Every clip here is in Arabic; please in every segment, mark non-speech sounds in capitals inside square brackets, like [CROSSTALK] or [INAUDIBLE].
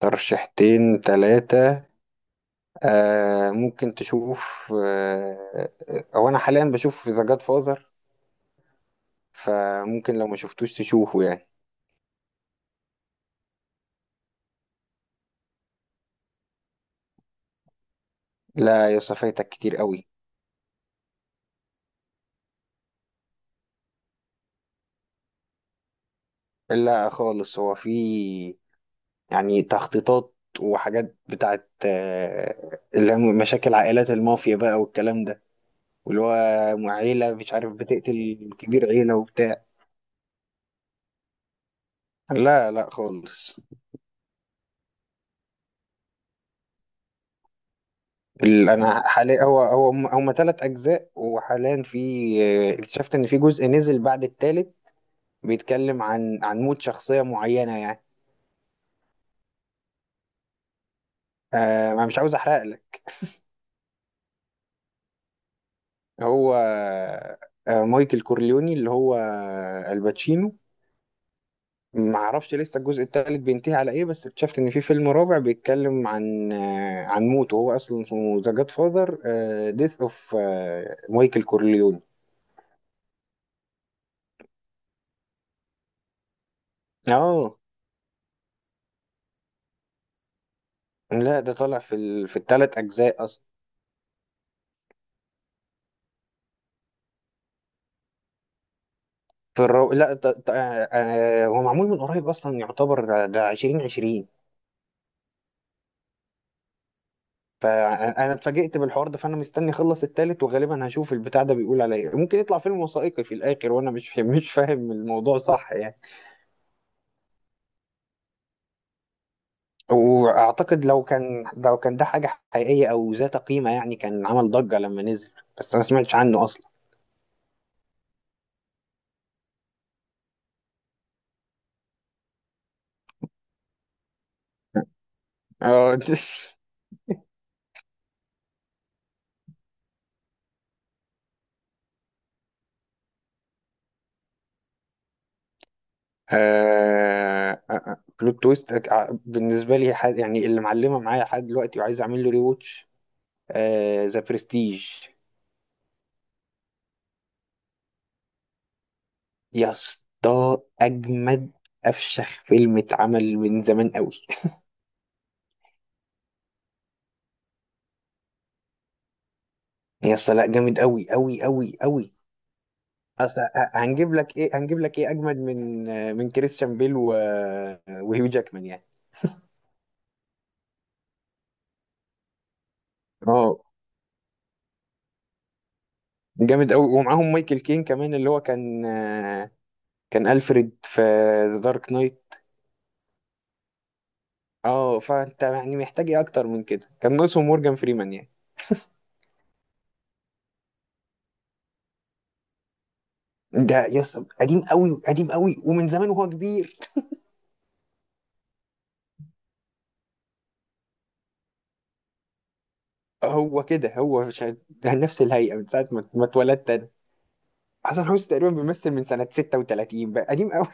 ترشيحتين تلاتة؟ ممكن تشوف. هو أنا حاليا بشوف ذا جاد فازر، فممكن لو ما شفتوش تشوفه يعني. لا يا اسطى، فايتك كتير قوي. لا خالص، هو في يعني تخطيطات وحاجات بتاعت اللي هي مشاكل عائلات المافيا بقى والكلام ده، واللي هو عيلة، مش عارف، بتقتل كبير عيلة وبتاع. لا لا خالص. انا حاليا، هو هما ثلاث اجزاء، وحاليا في اكتشفت ان في جزء نزل بعد الثالث، بيتكلم عن موت شخصيه معينه يعني. انا مش عاوز احرق لك. هو مايكل كورليوني اللي هو الباتشينو. ما اعرفش لسه الجزء الثالث بينتهي على ايه، بس اكتشفت ان في فيلم رابع بيتكلم عن عن موته، هو اصلا اسمه ذا جاد فاذر، ديث اوف مايكل كورليوني. اه. لا ده طالع في في الثلاث اجزاء اصلا. في الرو... لا ط... ط... آه، آه، هو معمول من قريب اصلا، يعتبر، ده 2020. فانا اتفاجئت بالحوار ده، فانا مستني اخلص التالت، وغالبا هشوف البتاع ده بيقول على ايه. ممكن يطلع فيلم وثائقي في الاخر، وانا مش [LAUGHS] مش فاهم الموضوع صح يعني. واعتقد لو كان ده حاجه حقيقيه او ذات قيمه يعني، كان عمل ضجه لما نزل، بس انا ما سمعتش عنه اصلا. اه [LAUGHS] بلوت تويست. بالنسبه لي حد يعني اللي معلمه معايا لحد دلوقتي وعايز اعمل له ري واتش، ذا برستيج. يا اسطى اجمد افشخ فيلم اتعمل من زمان قوي. يا اسطى لا، جامد قوي قوي قوي قوي. اصل هنجيب لك ايه؟ هنجيب لك ايه اجمد من من كريستيان بيل و... آه، وهيو جاكمان يعني؟ اه، جامد قوي. ومعاهم مايكل كين كمان، اللي هو كان كان الفريد في ذا دارك نايت. اه، فانت يعني محتاج ايه اكتر من كده؟ كان ناقصهم مورجان فريمان يعني. ده يا اسطى قديم قوي، قديم قوي ومن زمان وهو كبير. هو كده هو ده نفس الهيئة من ساعة ما اتولدت أنا. حسن حسني تقريبا بيمثل من سنة 36، بقى قديم قوي.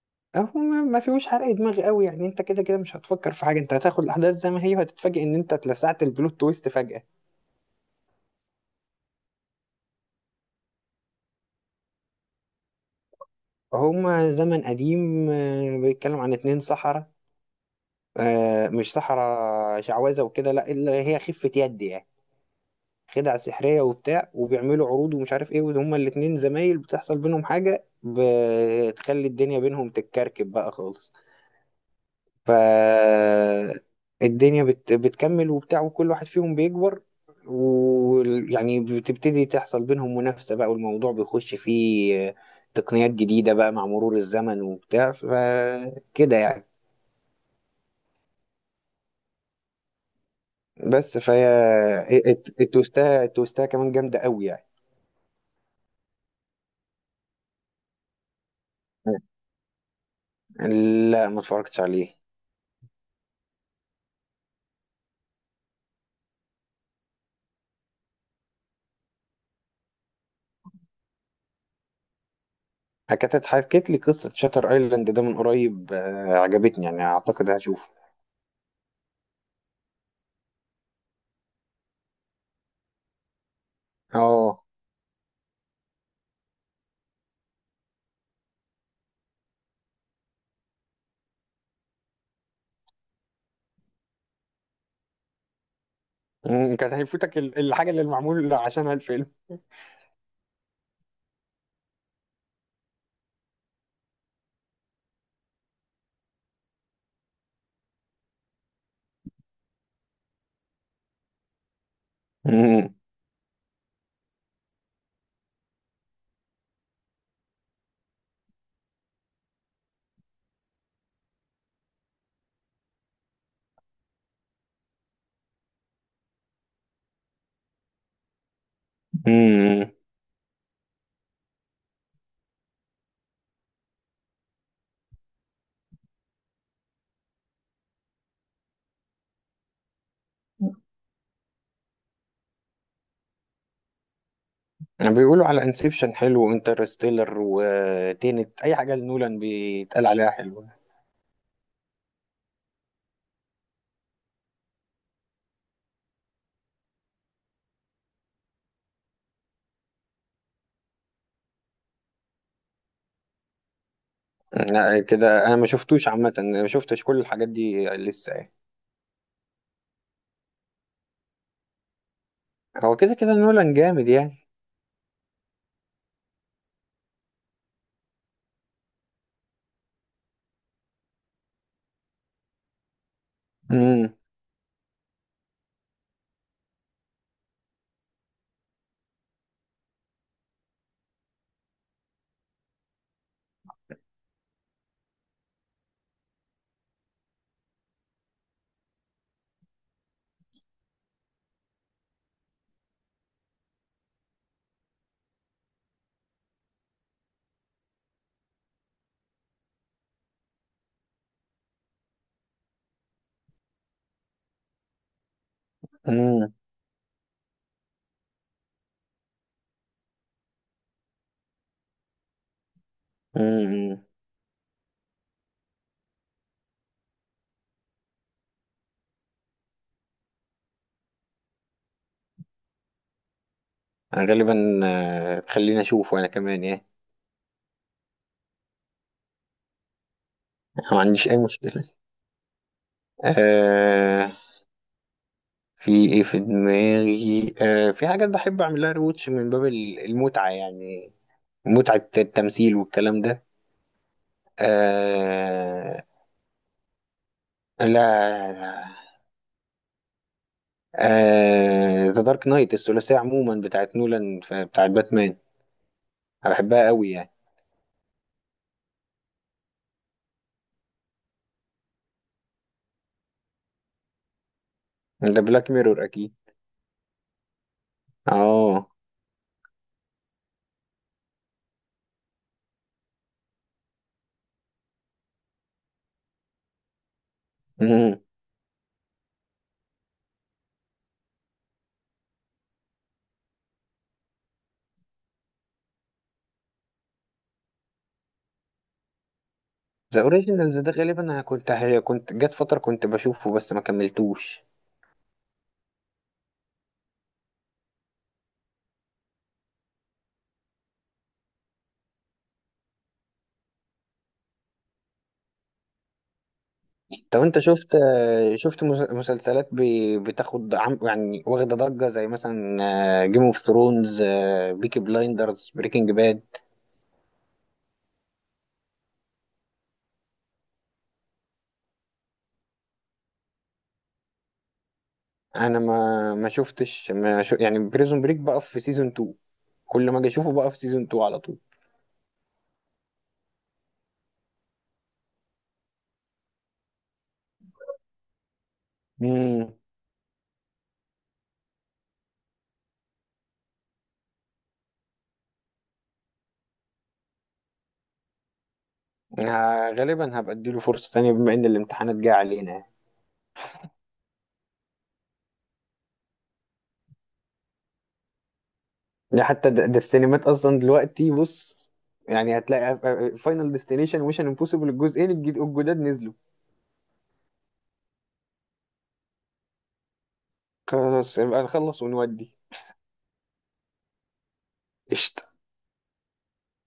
[LAUGHS] هو ما فيهوش حرق دماغ قوي يعني. انت كده كده مش هتفكر في حاجة، انت هتاخد الأحداث زي ما هي وهتتفاجئ ان انت اتلسعت البلوت تويست فجأة. هما زمن قديم، بيتكلم عن اتنين سحرة. مش سحرة، شعوذة وكده، لا اللي هي خفة يد يعني، خدع سحرية وبتاع. وبيعملوا عروض ومش عارف ايه، وهما الاتنين زمايل، بتحصل بينهم حاجة بتخلي الدنيا بينهم تتكركب بقى خالص. فالدنيا بتكمل وبتاع، وكل واحد فيهم بيكبر ويعني بتبتدي تحصل بينهم منافسة بقى، والموضوع بيخش فيه تقنيات جديدة بقى مع مرور الزمن وبتاع، فكده يعني. بس فهي التوستاية، التوستاية كمان جامدة قوي يعني. لا، ما اتفرجتش عليه. حكت، اتحكت لي قصة شاتر ايلاند ده من قريب، عجبتني يعني، اعتقد هشوفه. اه. مم، كان هيفوتك الحاجة اللي معمول عشانها الفيلم. مم. مم. بيقولوا على انسبشن حلو، وانترستيلر، وتينت، اي حاجه لنولان بيتقال عليها حلوه. لا كده انا ما شفتوش عامه، ما شفتش كل الحاجات دي لسه يعني. هو كده كده نولان جامد يعني. امم. امم. امم. انا غالبا خليني اشوفه انا كمان يعني. ما عنديش اي مشكله. آه. في ايه في دماغي؟ آه في حاجات بحب اعملها ريوتش من باب المتعه يعني، متعه التمثيل والكلام ده. آه. لا. آه، ذا دارك نايت، الثلاثية عموما بتاعت نولان بتاعت باتمان، أنا بحبها قوي يعني. ده بلاك ميرور أكيد. اه. ذا اوريجينالز ده غالبا أنا كنت، هي كنت جت فترة كنت بشوفه بس ما كملتوش. طب انت شفت شفت مسلسلات بتاخد عم يعني، واخدة ضجة زي مثلا جيم اوف ثرونز، بيكي بلايندرز، بريكنج باد؟ انا ما شفتش، ما شو يعني، بريزون بريك بقى في سيزون 2، كل ما اجي اشوفه بقى في سيزون 2 على طول. امم. غالبا هبقى اديله فرصة تانية بما ان الامتحانات جاية علينا يعني. ده حتى ده السينمات اصلا دلوقتي، بص، يعني هتلاقي فاينل ديستنيشن، ويشن امبوسيبل، الجزئين الجديد الجداد نزلوا. خلاص يبقى نخلص ونودي. قشطة.